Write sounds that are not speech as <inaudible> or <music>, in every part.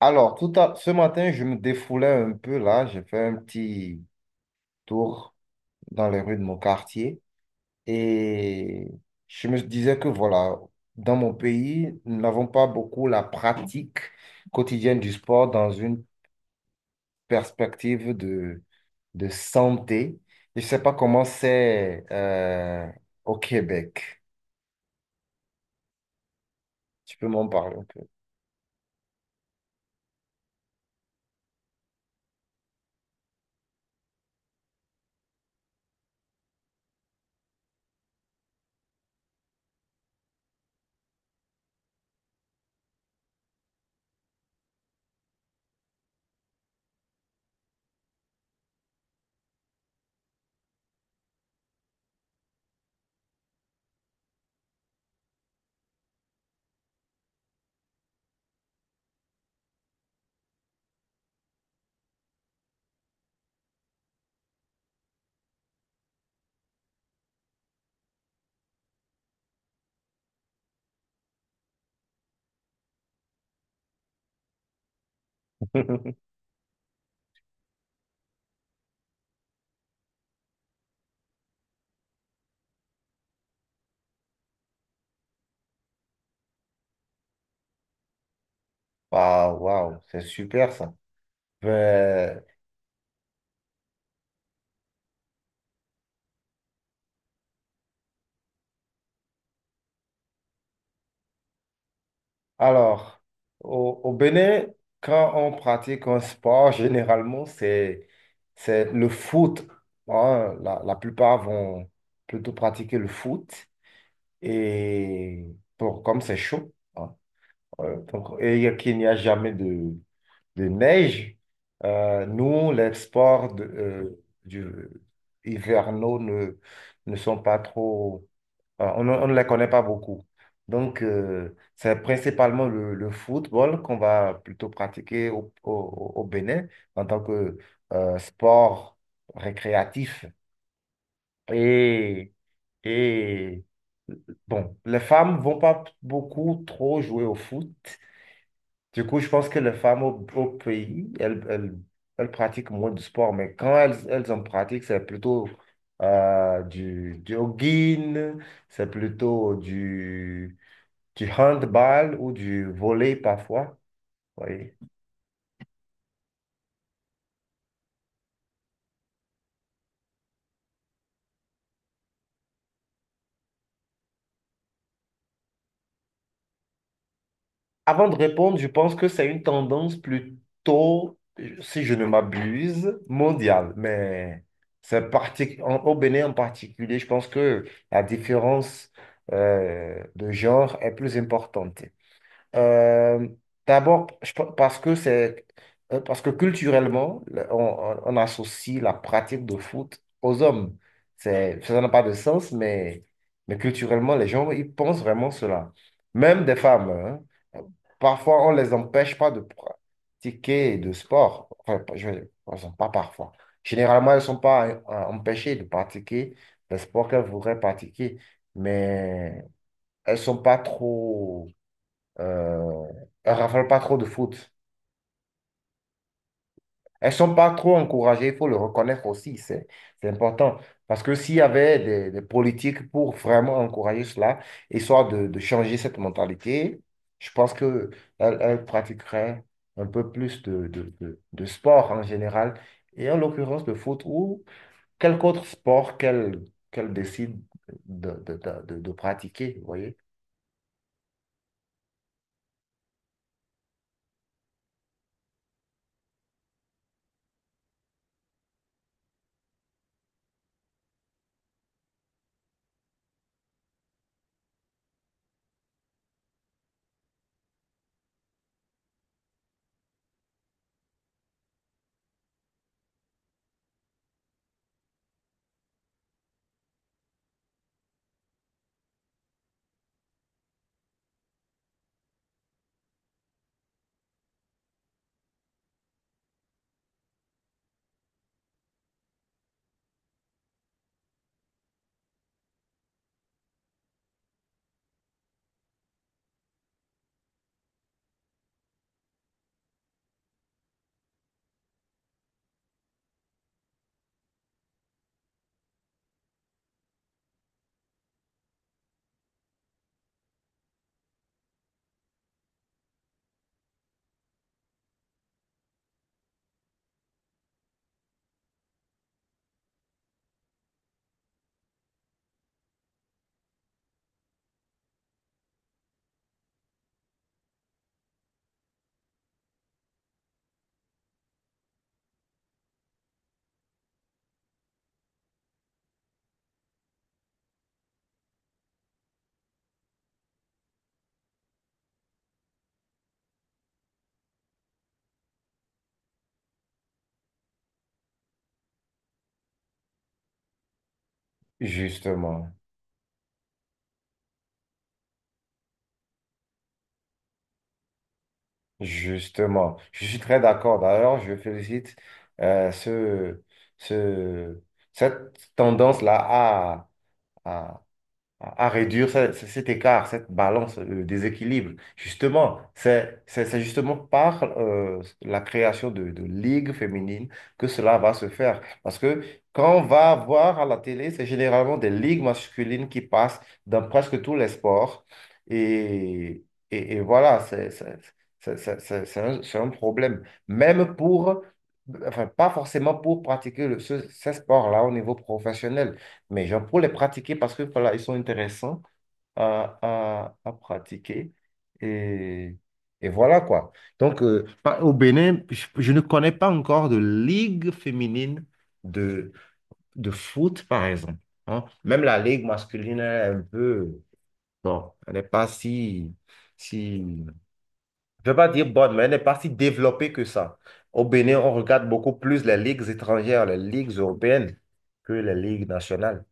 Alors, ce matin, je me défoulais un peu là. J'ai fait un petit tour dans les rues de mon quartier et je me disais que voilà, dans mon pays, nous n'avons pas beaucoup la pratique quotidienne du sport dans une perspective de santé. Je ne sais pas comment c'est au Québec. Tu peux m'en parler un peu? <laughs> Waouh, waouh, c'est super ça. Ben, alors, au Bénin, quand on pratique un sport, généralement, c'est le foot. Hein. La plupart vont plutôt pratiquer le foot. Et pour, comme c'est chaud, hein, donc, et qu'il n'y a jamais de neige. Euh, nous, les sports hivernaux ne sont pas trop. Voilà. On ne les connaît pas beaucoup. Donc, c'est principalement le football qu'on va plutôt pratiquer au Bénin en tant que sport récréatif. Et, et bon, les femmes vont pas beaucoup trop jouer au foot. Du coup, je pense que les femmes au pays, elles pratiquent moins de sport, mais quand elles en pratiquent, c'est plutôt du jogging, c'est plutôt du handball ou du volley parfois. Oui. Avant de répondre, je pense que c'est une tendance plutôt, si je ne m'abuse, mondiale. Mais au Bénin en particulier, je pense que la différence de genre est plus importante. Euh, D'abord, je pe- parce que c'est parce que culturellement, on associe la pratique de foot aux hommes. C'est, ça n'a pas de sens, mais culturellement, les gens, ils pensent vraiment cela. Même des femmes, hein. Parfois, on les empêche pas de pratiquer de sport. Enfin, pas parfois. Généralement, elles ne sont pas empêchées de pratiquer le sport qu'elles voudraient pratiquer, mais elles ne sont pas trop euh, elles ne raffolent pas trop de foot. Elles ne sont pas trop encouragées, il faut le reconnaître aussi, c'est important. Parce que s'il y avait des politiques pour vraiment encourager cela, histoire de changer cette mentalité, je pense qu'elles pratiqueraient un peu plus de sport en général, et en l'occurrence de foot ou quelque autre sport qu'elles décident de pratiquer, vous voyez? Justement. Justement, je suis très d'accord. D'ailleurs, je félicite euh, ce, ce, cette tendance-là à, à réduire cet écart, cette balance, le déséquilibre. Justement, c'est justement par la création de ligues féminines que cela va se faire. Parce que quand on va voir à la télé, c'est généralement des ligues masculines qui passent dans presque tous les sports. Et, et voilà, c'est un problème. Enfin, pas forcément pour pratiquer ces sports-là au niveau professionnel. Mais genre, pour les pratiquer, parce que voilà, ils sont intéressants à pratiquer. Et, et voilà quoi. Donc, au Bénin, je ne connais pas encore de ligue féminine de, de foot, par exemple. Hein. Même la ligue masculine, elle est un peu. Bon, elle n'est pas si. Je ne veux pas dire bonne, mais elle n'est pas si développée que ça. Au Bénin, on regarde beaucoup plus les ligues étrangères, les ligues européennes que les ligues nationales.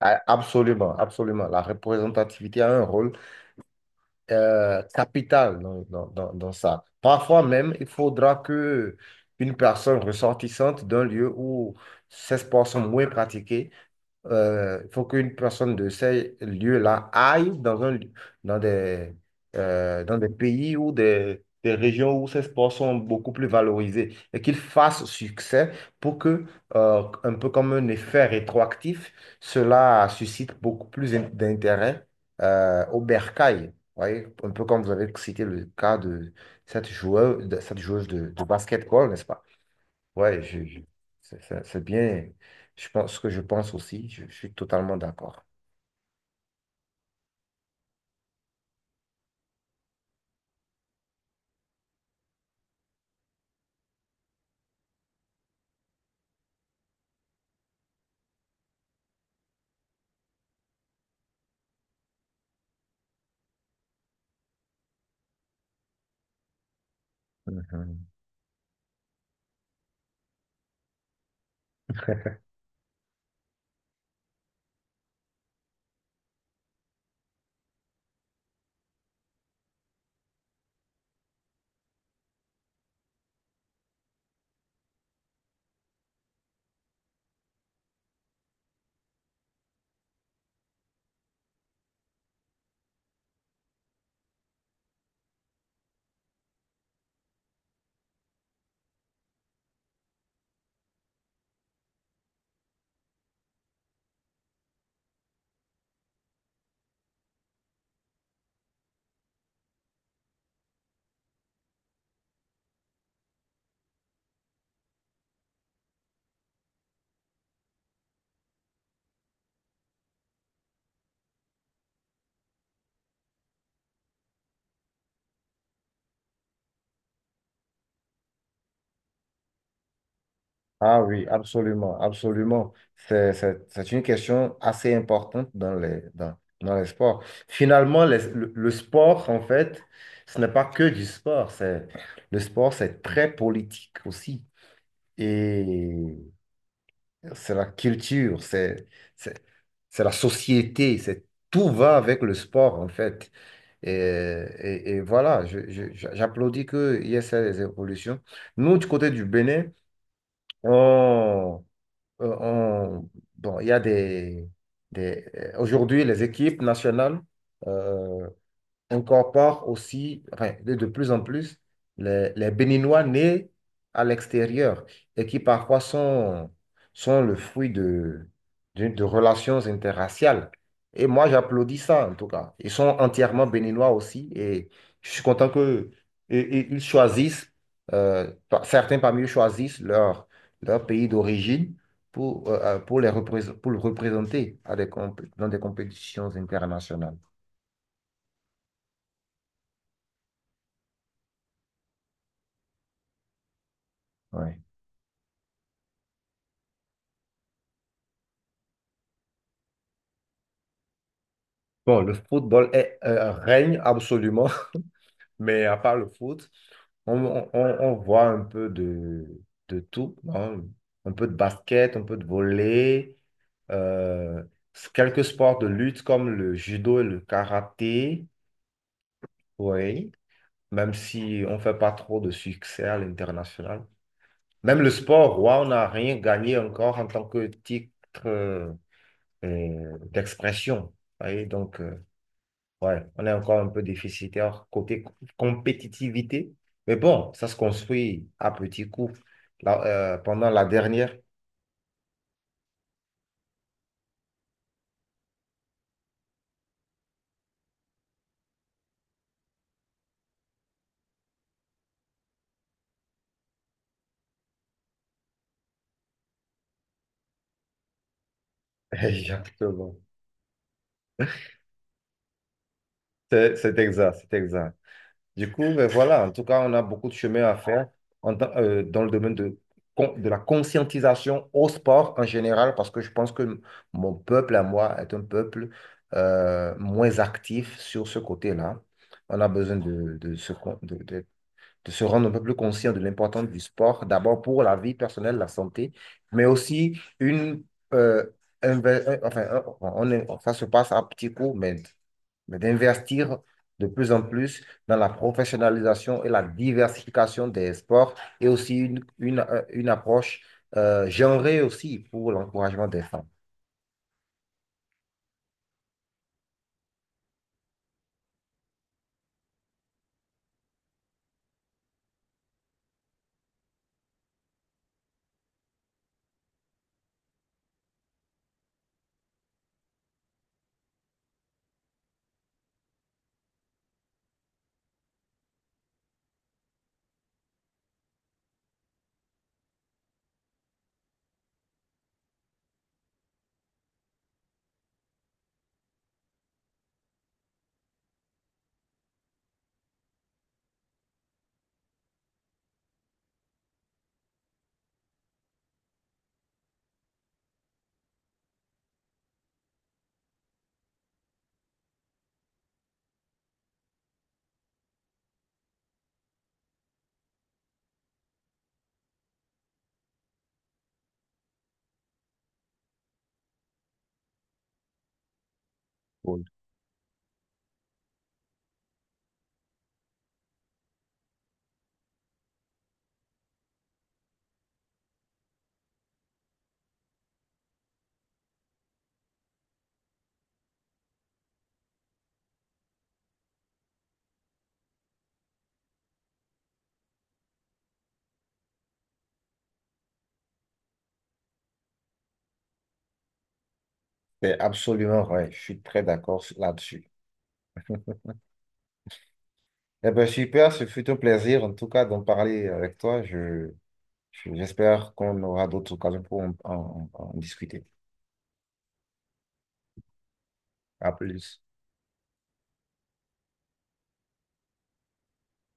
Ah, absolument, absolument. La représentativité a un rôle capital dans ça. Parfois même, il faudra que une personne ressortissante d'un lieu où ces sports sont moins pratiqués il faut qu'une personne de ces lieux-là aille dans des, dans des pays ou des régions où ces sports sont beaucoup plus valorisés et qu'il fasse succès pour que, un peu comme un effet rétroactif, cela suscite beaucoup plus d'intérêt au bercail. Vous voyez, un peu comme vous avez cité le cas de cette joueuse de basketball, n'est-ce pas? Ouais, c'est bien. Je pense ce que je pense aussi. Je suis totalement d'accord. Mhm. Ah oui, absolument, absolument. C'est une question assez importante dans les sports. Finalement, le sport, en fait, ce n'est pas que du sport. Le sport, c'est très politique aussi. Et c'est la culture, c'est, c'est la société, tout va avec le sport, en fait. Et voilà, j'applaudis qu'il y ait ces évolutions. Nous, du côté du Bénin, on, euh, on- bon, il y a aujourd'hui, les équipes nationales euh, incorpore aussi, enfin, de plus en plus, les Béninois nés à l'extérieur et qui parfois sont le fruit de relations interraciales. Et moi, j'applaudis ça, en tout cas. Ils sont entièrement Béninois aussi et je suis content que et ils choisissent, certains parmi eux choisissent leur pays d'origine. Pour le représenter dans des compétitions internationales. Ouais. Bon, le football règne absolument, <laughs> mais à part le foot, voit un peu de tout, hein. Un peu de basket, un peu de volley, euh, quelques sports de lutte comme le judo et le karaté, oui, même si on ne fait pas trop de succès à l'international. Même le sport, roi, on n'a rien gagné encore en tant que titre euh, d'expression. Vous voyez, donc. Ouais, on est encore un peu déficitaire côté compétitivité. Mais bon, ça se construit à petits coups. Là, pendant la dernière, <laughs> Exactement. C'est exact, c'est exact. Du coup, ben voilà, en tout cas, on a beaucoup de chemin à faire dans le domaine de la conscientisation au sport en général, parce que je pense que mon peuple à moi est un peuple moins actif sur ce côté-là. On a besoin de se rendre un peu plus conscient de l'importance du sport, d'abord pour la vie personnelle, la santé, mais aussi une... euh, ça se passe à petits coups, mais d'investir de plus en plus dans la professionnalisation et la diversification des sports et aussi une approche genrée aussi pour l'encouragement des femmes. Oui. C'est absolument vrai, je suis très d'accord là-dessus. Eh bien, super, ce fut un plaisir en tout cas d'en parler avec toi. J'espère qu'on aura d'autres occasions pour en discuter. À plus.